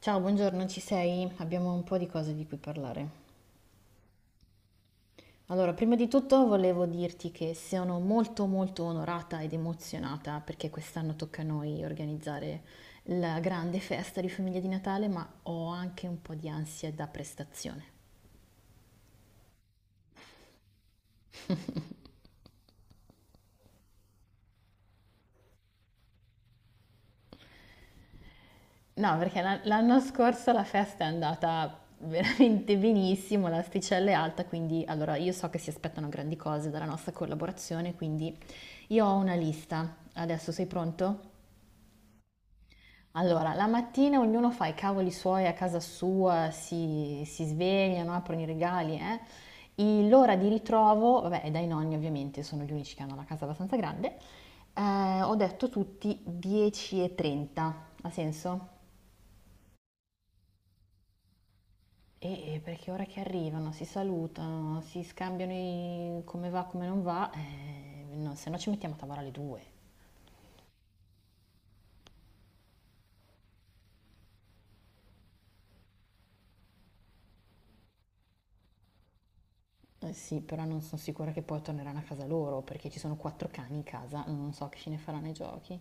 Ciao, buongiorno, ci sei? Abbiamo un po' di cose di cui parlare. Allora, prima di tutto volevo dirti che sono molto molto onorata ed emozionata perché quest'anno tocca a noi organizzare la grande festa di famiglia di Natale, ma ho anche un po' di ansia da prestazione. No, perché l'anno scorso la festa è andata veramente benissimo, l'asticella è alta, quindi allora io so che si aspettano grandi cose dalla nostra collaborazione, quindi io ho una lista. Adesso sei pronto? Allora, la mattina ognuno fa i cavoli suoi a casa sua, si svegliano, aprono i regali, eh. L'ora di ritrovo, vabbè, è dai nonni ovviamente, sono gli unici che hanno la casa abbastanza grande, ho detto tutti 10.30, ha senso? E perché ora che arrivano, si salutano, si scambiano i come va, come non va, no, se no ci mettiamo a tavola alle 2. Eh sì, però non sono sicura che poi torneranno a casa loro, perché ci sono quattro cani in casa, non so che fine faranno i giochi.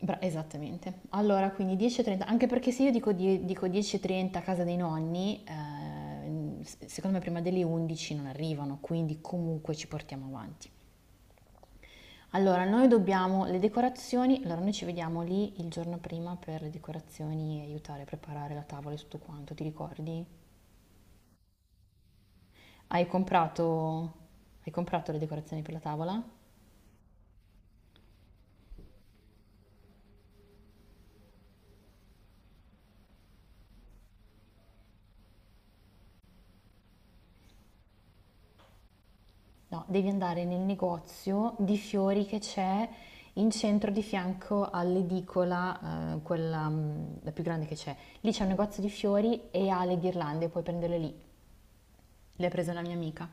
Bra Esattamente. Allora, quindi 10.30, anche perché se io dico, dico 10.30 a casa dei nonni, secondo me prima delle 11 non arrivano, quindi comunque ci portiamo avanti. Allora, noi dobbiamo le decorazioni, allora noi ci vediamo lì il giorno prima per le decorazioni e aiutare a preparare la tavola e tutto quanto, ti ricordi? Hai comprato, hai comprato le decorazioni per la tavola? No, devi andare nel negozio di fiori che c'è in centro di fianco all'edicola, quella la più grande che c'è. Lì c'è un negozio di fiori e ha le ghirlande, puoi prenderle lì. Le ha prese una mia amica.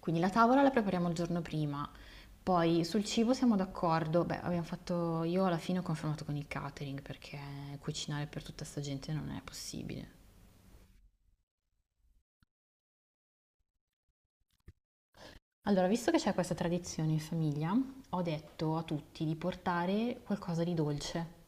Quindi la tavola la prepariamo il giorno prima. Poi sul cibo siamo d'accordo. Beh, abbiamo fatto, io alla fine ho confermato con il catering perché cucinare per tutta sta gente non è possibile. Allora, visto che c'è questa tradizione in famiglia, ho detto a tutti di portare qualcosa di dolce.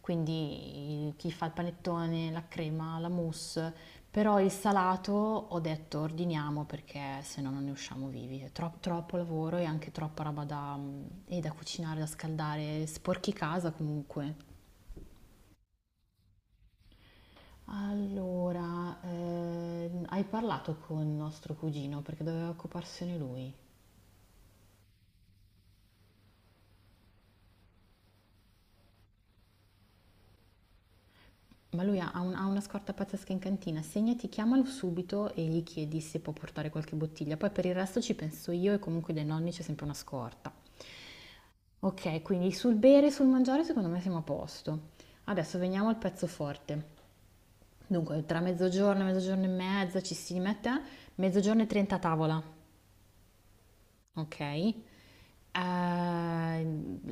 Quindi chi fa il panettone, la crema, la mousse, però il salato ho detto ordiniamo perché se no non ne usciamo vivi. È troppo lavoro e anche troppa roba da, e da cucinare, da scaldare, sporchi casa comunque. Allora, hai parlato con nostro cugino perché doveva occuparsene lui. Ma lui ha una scorta pazzesca in cantina, segnati, chiamalo subito e gli chiedi se può portare qualche bottiglia. Poi per il resto ci penso io e comunque dai nonni c'è sempre una scorta. Ok, quindi sul bere e sul mangiare secondo me siamo a posto. Adesso veniamo al pezzo forte. Dunque, tra mezzogiorno e mezzogiorno e mezza ci si mette, mezzogiorno e 30 a tavola, ok?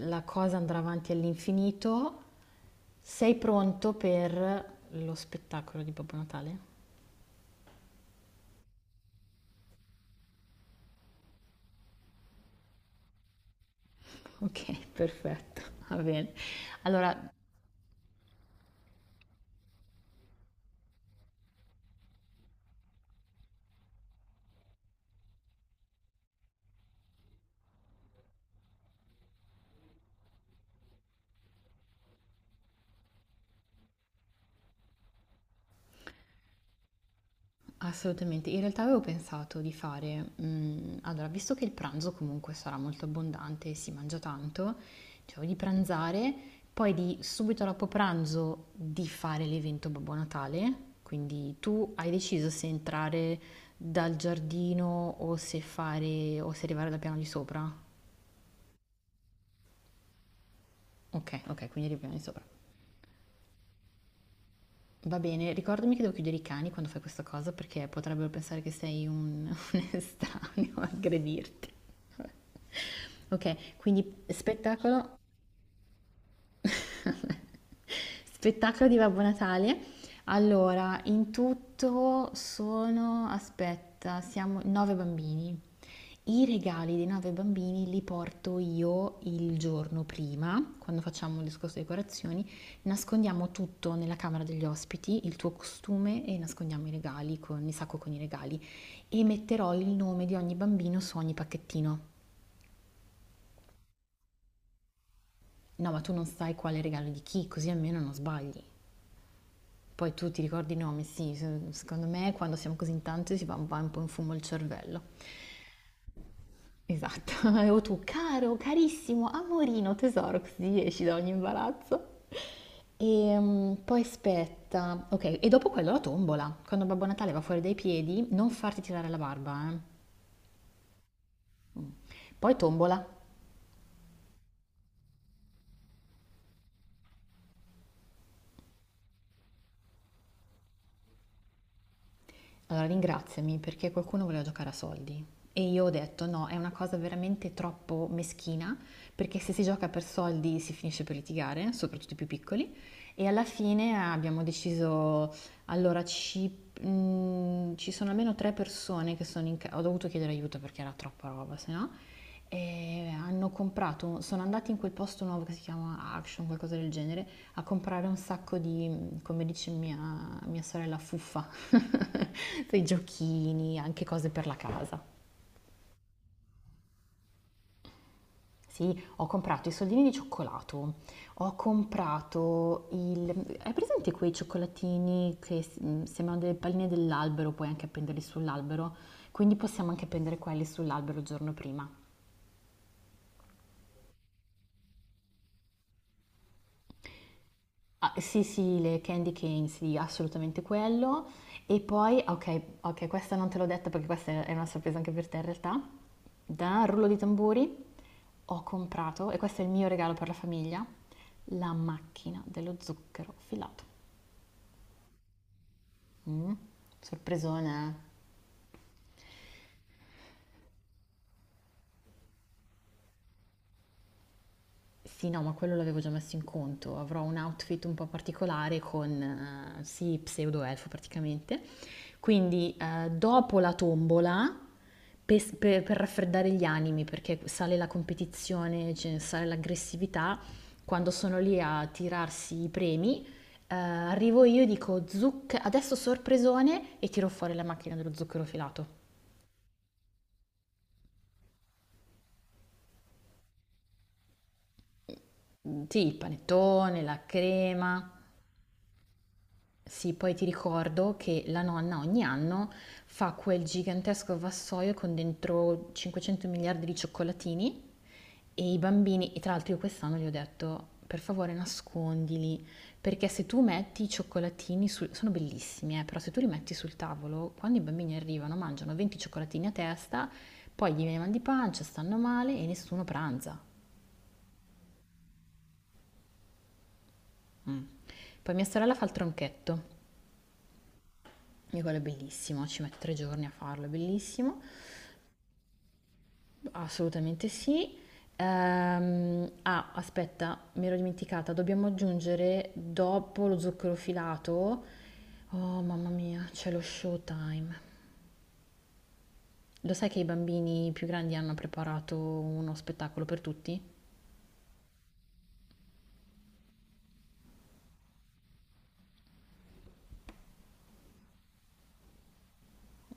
La cosa andrà avanti all'infinito. Sei pronto per lo spettacolo di Babbo Natale? Ok, perfetto, va bene. Allora, assolutamente, in realtà avevo pensato di fare, allora, visto che il pranzo comunque sarà molto abbondante e si mangia tanto, cioè di pranzare, poi di subito dopo pranzo di fare l'evento Babbo Natale, quindi tu hai deciso se entrare dal giardino o se fare o se arrivare dal piano di sopra? Ok, ok, quindi il piano di sopra. Va bene, ricordami che devo chiudere i cani quando fai questa cosa perché potrebbero pensare che sei un, un estraneo, a aggredirti. Vabbè. Ok, quindi spettacolo spettacolo di Babbo Natale. Allora, in tutto sono, aspetta, siamo nove bambini. I regali dei nove bambini li porto io il giorno prima, quando facciamo il discorso di decorazioni, nascondiamo tutto nella camera degli ospiti, il tuo costume e nascondiamo i regali con il sacco con i regali e metterò il nome di ogni bambino su ogni pacchettino. No, ma tu non sai quale regalo di chi, così almeno non sbagli. Poi tu ti ricordi i nomi, sì, secondo me quando siamo così in tanti si va un po' in fumo il cervello. Esatto, o tu caro, carissimo, amorino, tesoro, così esci da ogni imbarazzo. E poi aspetta, ok, e dopo quello la tombola. Quando Babbo Natale va fuori dai piedi, non farti tirare la barba, eh. Poi tombola. Allora ringraziami perché qualcuno voleva giocare a soldi e io ho detto no, è una cosa veramente troppo meschina perché se si gioca per soldi si finisce per litigare, soprattutto i più piccoli, e alla fine abbiamo deciso allora ci sono almeno tre persone che sono in casa, ho dovuto chiedere aiuto perché era troppa roba, se no, e hanno comprato, sono andati in quel posto nuovo che si chiama Action, qualcosa del genere, a comprare un sacco di, come dice mia sorella, fuffa, dei giochini, anche cose per la casa. Sì, ho comprato i soldini di cioccolato, ho comprato il... Hai presente quei cioccolatini che sembrano delle palline dell'albero, puoi anche appenderli sull'albero? Quindi possiamo anche appendere quelli sull'albero il giorno prima. Ah, sì, sì, le candy cane, sì, assolutamente quello. E poi, ok, ok, questa non te l'ho detta perché questa è una sorpresa anche per te in realtà. Da rullo di tamburi ho comprato, e questo è il mio regalo per la famiglia, la macchina dello zucchero filato. Mm, Sorpresona. Sì, no, ma quello l'avevo già messo in conto. Avrò un outfit un po' particolare con, sì, pseudo elfo praticamente. Quindi, dopo la tombola, per raffreddare gli animi, perché sale la competizione, cioè, sale l'aggressività, quando sono lì a tirarsi i premi, arrivo io e dico, adesso sorpresone, e tiro fuori la macchina dello zucchero filato. Mm, sì, il panettone, la crema. Sì, poi ti ricordo che la nonna ogni anno fa quel gigantesco vassoio con dentro 500 miliardi di cioccolatini e i bambini, e tra l'altro io quest'anno gli ho detto, per favore nascondili, perché se tu metti i cioccolatini sul... sono bellissimi, però se tu li metti sul tavolo, quando i bambini arrivano mangiano 20 cioccolatini a testa, poi gli viene mal di pancia, stanno male e nessuno pranza. Poi mia sorella fa il tronchetto, e quello è bellissimo, ci mette 3 giorni a farlo, è bellissimo. Assolutamente sì. Ah, aspetta, mi ero dimenticata, dobbiamo aggiungere dopo lo zucchero filato. Oh, mamma mia, c'è lo showtime. Lo sai che i bambini più grandi hanno preparato uno spettacolo per tutti?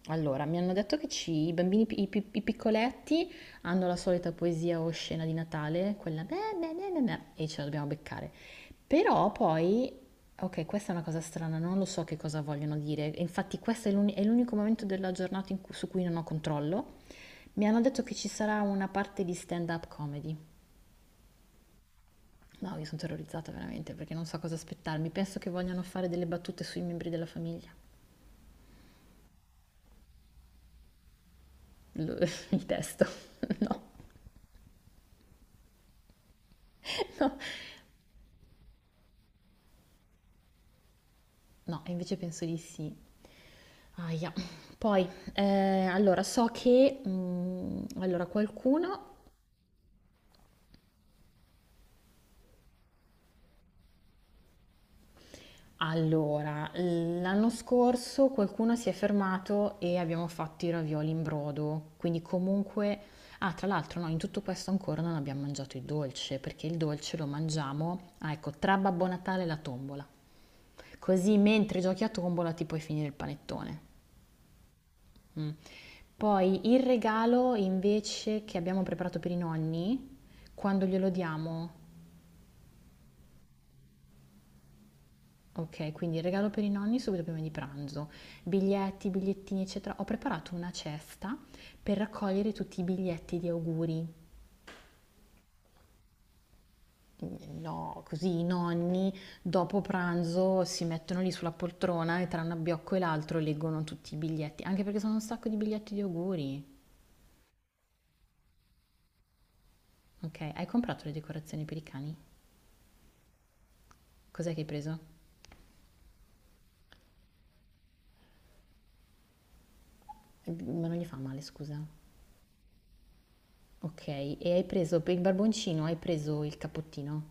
Allora, mi hanno detto che i bambini, i piccoletti hanno la solita poesia o scena di Natale, quella beh, beh, beh, beh, beh, e ce la dobbiamo beccare. Però poi, ok, questa è una cosa strana, non lo so che cosa vogliono dire. E infatti questo è è l'unico momento della giornata su cui non ho controllo. Mi hanno detto che ci sarà una parte di stand-up comedy. No, io sono terrorizzata veramente perché non so cosa aspettarmi. Penso che vogliano fare delle battute sui membri della famiglia. Lo- Il testo. No, no, no, invece penso di sì. Aia. Poi, eh, allora, so che... allora, qualcuno... Allora, l'anno scorso qualcuno si è fermato e abbiamo fatto i ravioli in brodo, quindi comunque... Ah, tra l'altro, no, in tutto questo ancora non abbiamo mangiato il dolce, perché il dolce lo mangiamo, ah, ecco, tra Babbo Natale e la tombola. Così mentre giochi a tombola ti puoi finire il panettone. Mm. Poi il regalo invece che abbiamo preparato per i nonni, quando glielo diamo, ok, quindi il regalo per i nonni subito prima di pranzo, biglietti, bigliettini, eccetera. Ho preparato una cesta per raccogliere tutti i biglietti di auguri. No, così i nonni dopo pranzo si mettono lì sulla poltrona e tra un abbiocco e l'altro leggono tutti i biglietti, anche perché sono un sacco di biglietti di auguri. Ok, hai comprato le decorazioni per i cani? Cos'è che hai preso? Ma non gli fa male, scusa. Okay, e hai preso per il barboncino hai preso il cappottino?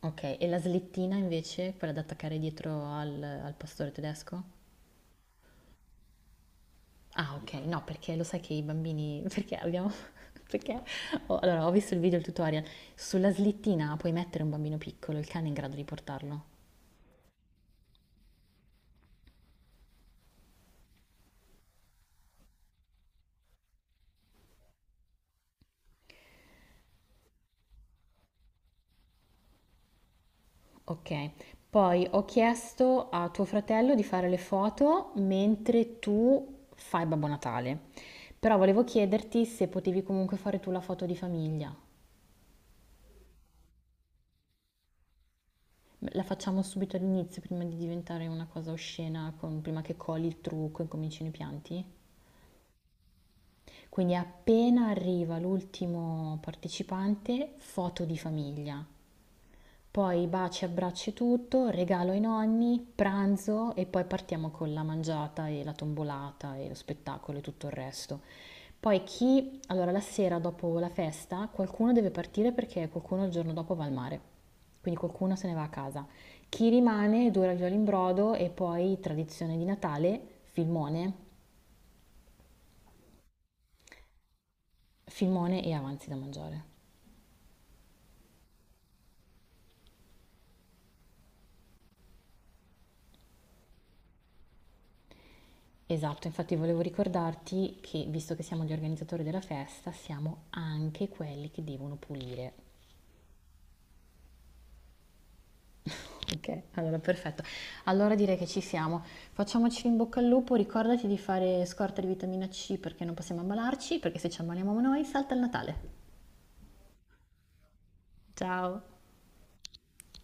Okay, e la slettina invece, quella da attaccare dietro al pastore tedesco? Ah okay, no perché lo sai che i bambini perché abbiamo perché ho allora ho visto il video, il tutorial, sulla slettina puoi mettere un bambino piccolo, il cane è in grado di portarlo. Okay, poi ho chiesto a tuo fratello di fare le foto mentre tu fai Babbo Natale, però volevo chiederti se potevi comunque fare tu la foto di famiglia. La facciamo subito all'inizio prima di diventare una cosa oscena, prima che coli il trucco e comincino i pianti? Quindi appena arriva l'ultimo partecipante, foto di famiglia. Poi baci, abbracci e tutto, regalo ai nonni, pranzo e poi partiamo con la mangiata e la tombolata e lo spettacolo e tutto il resto. Poi chi, allora la sera dopo la festa, qualcuno deve partire perché qualcuno il giorno dopo va al mare, quindi qualcuno se ne va a casa. Chi rimane, due ravioli in brodo e poi tradizione di Natale, filmone, filmone e avanzi da mangiare. Esatto, infatti volevo ricordarti che, visto che siamo gli organizzatori della festa, siamo anche quelli che devono pulire. Ok, allora perfetto. Allora direi che ci siamo. Facciamoci in bocca al lupo, ricordati di fare scorta di vitamina C perché non possiamo ammalarci, perché se ci ammaliamo noi salta il Natale. Ciao!